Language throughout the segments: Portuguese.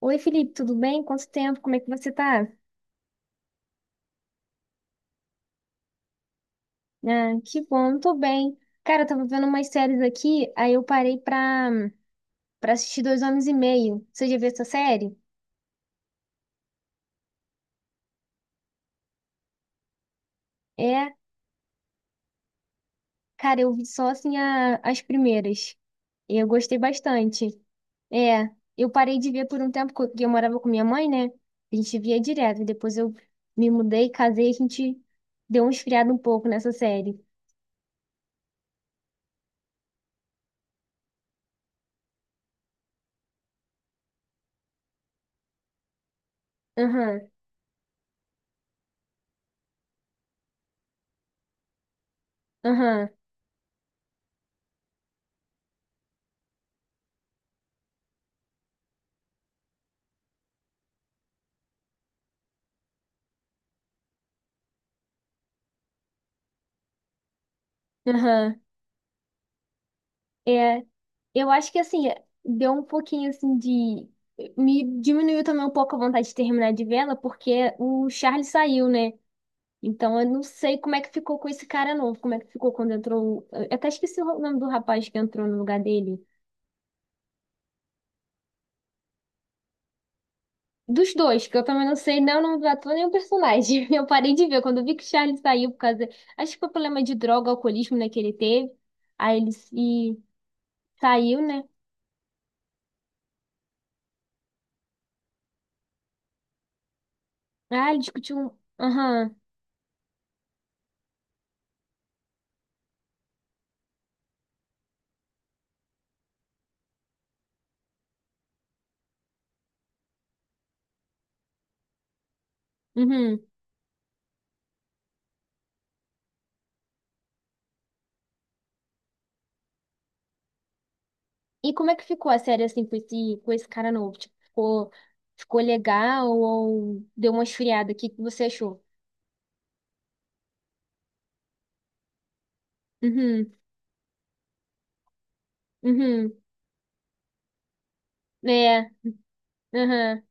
Oi, Felipe, tudo bem? Quanto tempo? Como é que você tá? Ah, que bom, eu tô bem. Cara, eu tava vendo umas séries aqui, aí eu parei pra assistir Dois Homens e Meio. Você já viu essa série? É, cara, eu vi só assim as primeiras. E eu gostei bastante. É, eu parei de ver por um tempo, porque eu morava com minha mãe, né? A gente via direto. Depois eu me mudei, casei, a gente deu um esfriado um pouco nessa série. Aham, aham, aham. É. Eu acho que assim, é, deu um pouquinho assim de. Me diminuiu também um pouco a vontade de terminar de vê-la, porque o Charlie saiu, né? Então eu não sei como é que ficou com esse cara novo, como é que ficou quando entrou. Eu até esqueci o nome do rapaz que entrou no lugar dele. Dos dois, que eu também não sei nem o nome do ator nem o personagem. Eu parei de ver quando eu vi que o Charlie saiu por causa. Acho que foi problema de droga, alcoolismo, né, que ele teve. Aí ele se... saiu, né? Ah, ele discutiu. Aham. Uhum. E como é que ficou a série assim com esse cara novo? Tipo, ficou, ficou legal ou deu uma esfriada? O que que você achou? Uhum, uhum, é, aham,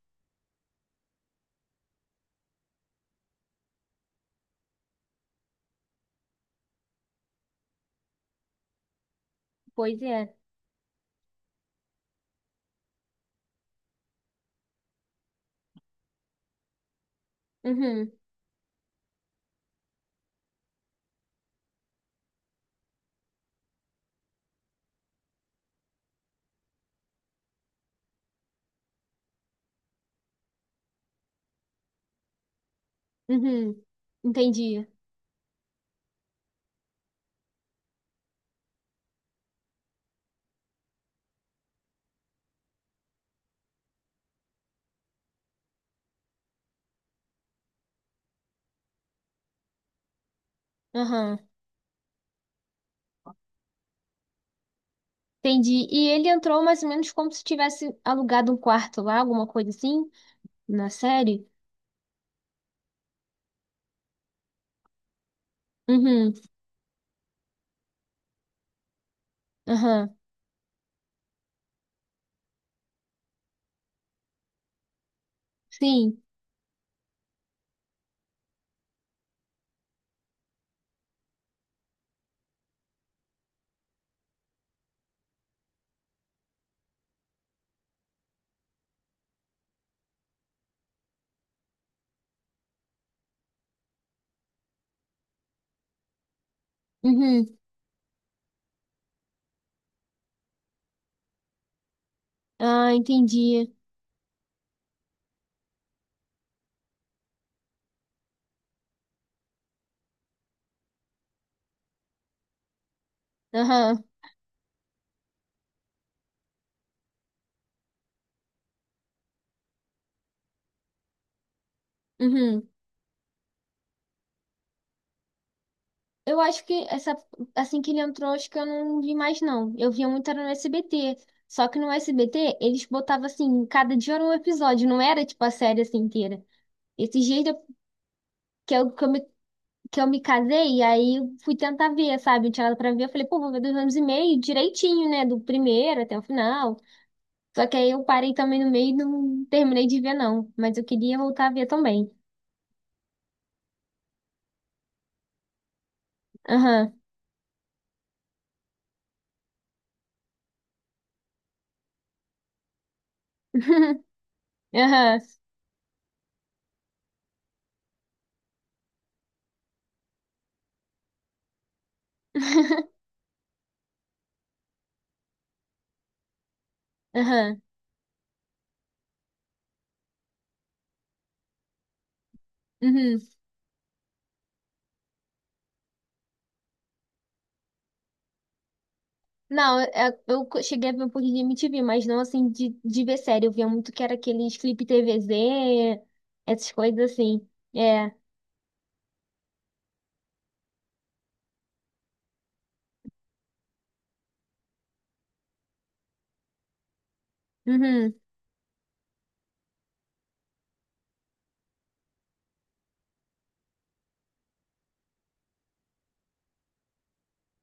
pois é, uhum, uhum, entendi, aham, entendi. E ele entrou mais ou menos como se tivesse alugado um quarto lá, alguma coisa assim, na série? Uhum, aham, sim, uhum, ah, entendi, aham, uhum. Eu acho que essa, assim que ele entrou, acho que eu não vi mais, não. Eu via muito era no SBT. Só que no SBT, eles botavam assim, cada dia era um episódio, não era tipo a série assim inteira. Esses dias eu- que eu, que eu me, que eu me casei, e aí eu fui tentar ver, sabe? Eu tinha nada pra ver, eu falei, pô, vou ver 2 anos e meio direitinho, né? Do primeiro até o final. Só que aí eu parei também no meio e não terminei de ver, não. Mas eu queria voltar a ver também. Aham. Aham. Aham. Uhum. Não, eu cheguei a ver um pouquinho de MTV, mas não assim de ver série. Eu via muito que era aqueles Flip TVZ, essas coisas assim. É, uhum,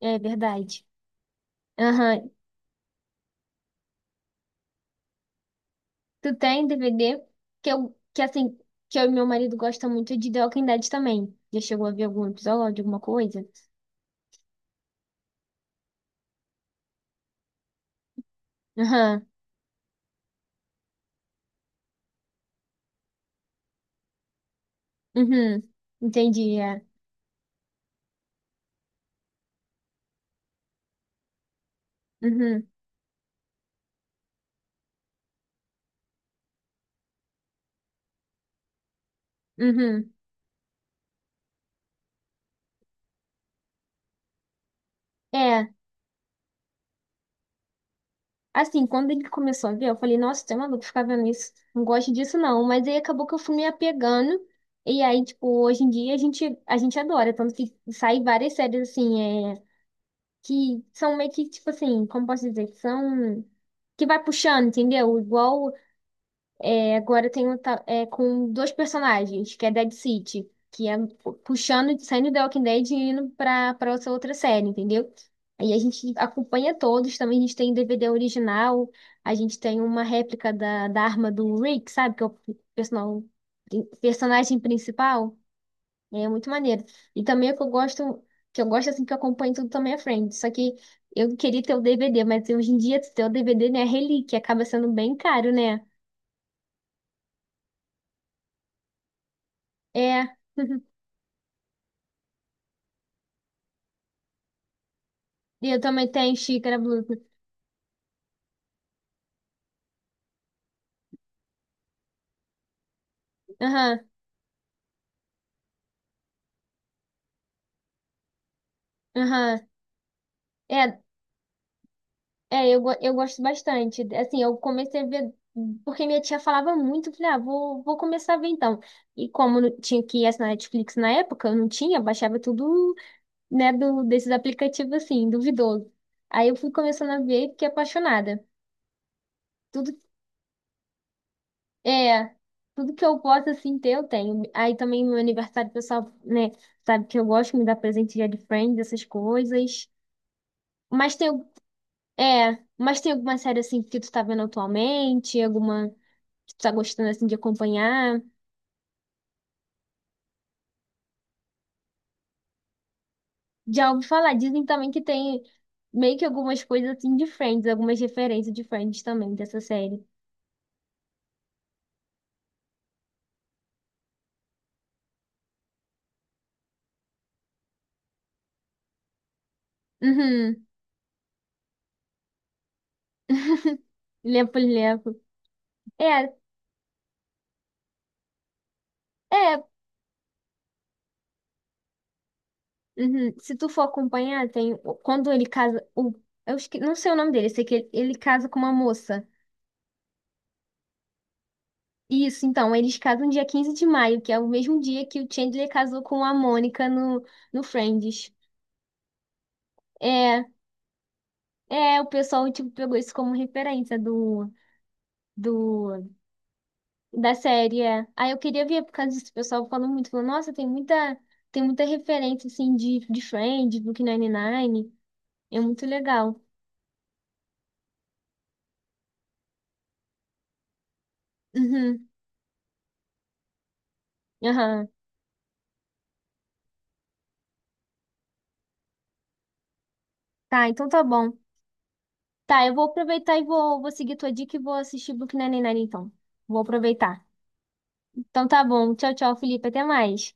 é verdade. Aham. Tu tem DVD que eu, que assim, que eu e meu marido gosta muito de The Walking Dead também. Já chegou a ver algum episódio, alguma coisa? Aham, uhum, entendi, é. Uhum, uhum. É. Assim, quando ele começou a ver, eu falei, nossa, você é maluco ficar vendo isso. Não gosto disso, não. Mas aí acabou que eu fui me apegando. E aí, tipo, hoje em dia a gente adora. Tanto que sai várias séries, assim, é, que são meio que, tipo assim, como posso dizer? Que são. Que vai puxando, entendeu? Igual agora tem é, com dois personagens, que é Dead City, que é puxando, saindo do Walking Dead e indo pra essa outra série, entendeu? Aí a gente acompanha todos, também a gente tem DVD original, a gente tem uma réplica da arma do Rick, sabe? Que é o personal- personagem principal. É muito maneiro. E também o que eu gosto, assim que eu acompanho tudo também é Friends. Só que eu queria ter o DVD, mas hoje em dia ter o DVD, né, é relíquia, acaba sendo bem caro, né? É. E eu também tenho xícara Bluetooth. Aham, aham. É, é eu gosto bastante. Assim, eu comecei a ver, porque minha tia falava muito, eu falei, ah, vou começar a ver então. E como não tinha que ir essa Netflix na época, eu não tinha, baixava tudo, né, desses aplicativos assim, duvidoso. Aí eu fui começando a ver e fiquei apaixonada. Tudo, é, tudo que eu posso, assim, ter, eu tenho. Aí também no meu aniversário, o pessoal, né, sabe que eu gosto, me dá presente de Friends, essas coisas. Mas tem é, mas tem alguma série assim que tu tá vendo atualmente? Alguma que tu tá gostando assim de acompanhar? Já ouvi falar, dizem também que tem meio que algumas coisas assim de Friends, algumas referências de Friends também dessa série. Uhum, lepo, lepo. É, é, uhum. Se tu for acompanhar, tem quando ele casa, o, não sei o nome dele, eu sei que ele casa com uma moça. Isso, então, eles casam dia 15 de maio, que é o mesmo dia que o Chandler casou com a Mônica no, no Friends. É, é, o pessoal, tipo, pegou isso como referência do, da série. É. Aí eu queria ver por causa disso. O pessoal falou muito, falou, nossa, tem muita referência, assim, de Friends, Brooklyn Nine-Nine. É muito legal. Uhum, aham. Tá, então tá bom. Tá, eu vou aproveitar e vou seguir tua dica e vou assistir Brooklyn Nine-Nine, então. Vou aproveitar. Então tá bom. Tchau, tchau, Felipe. Até mais.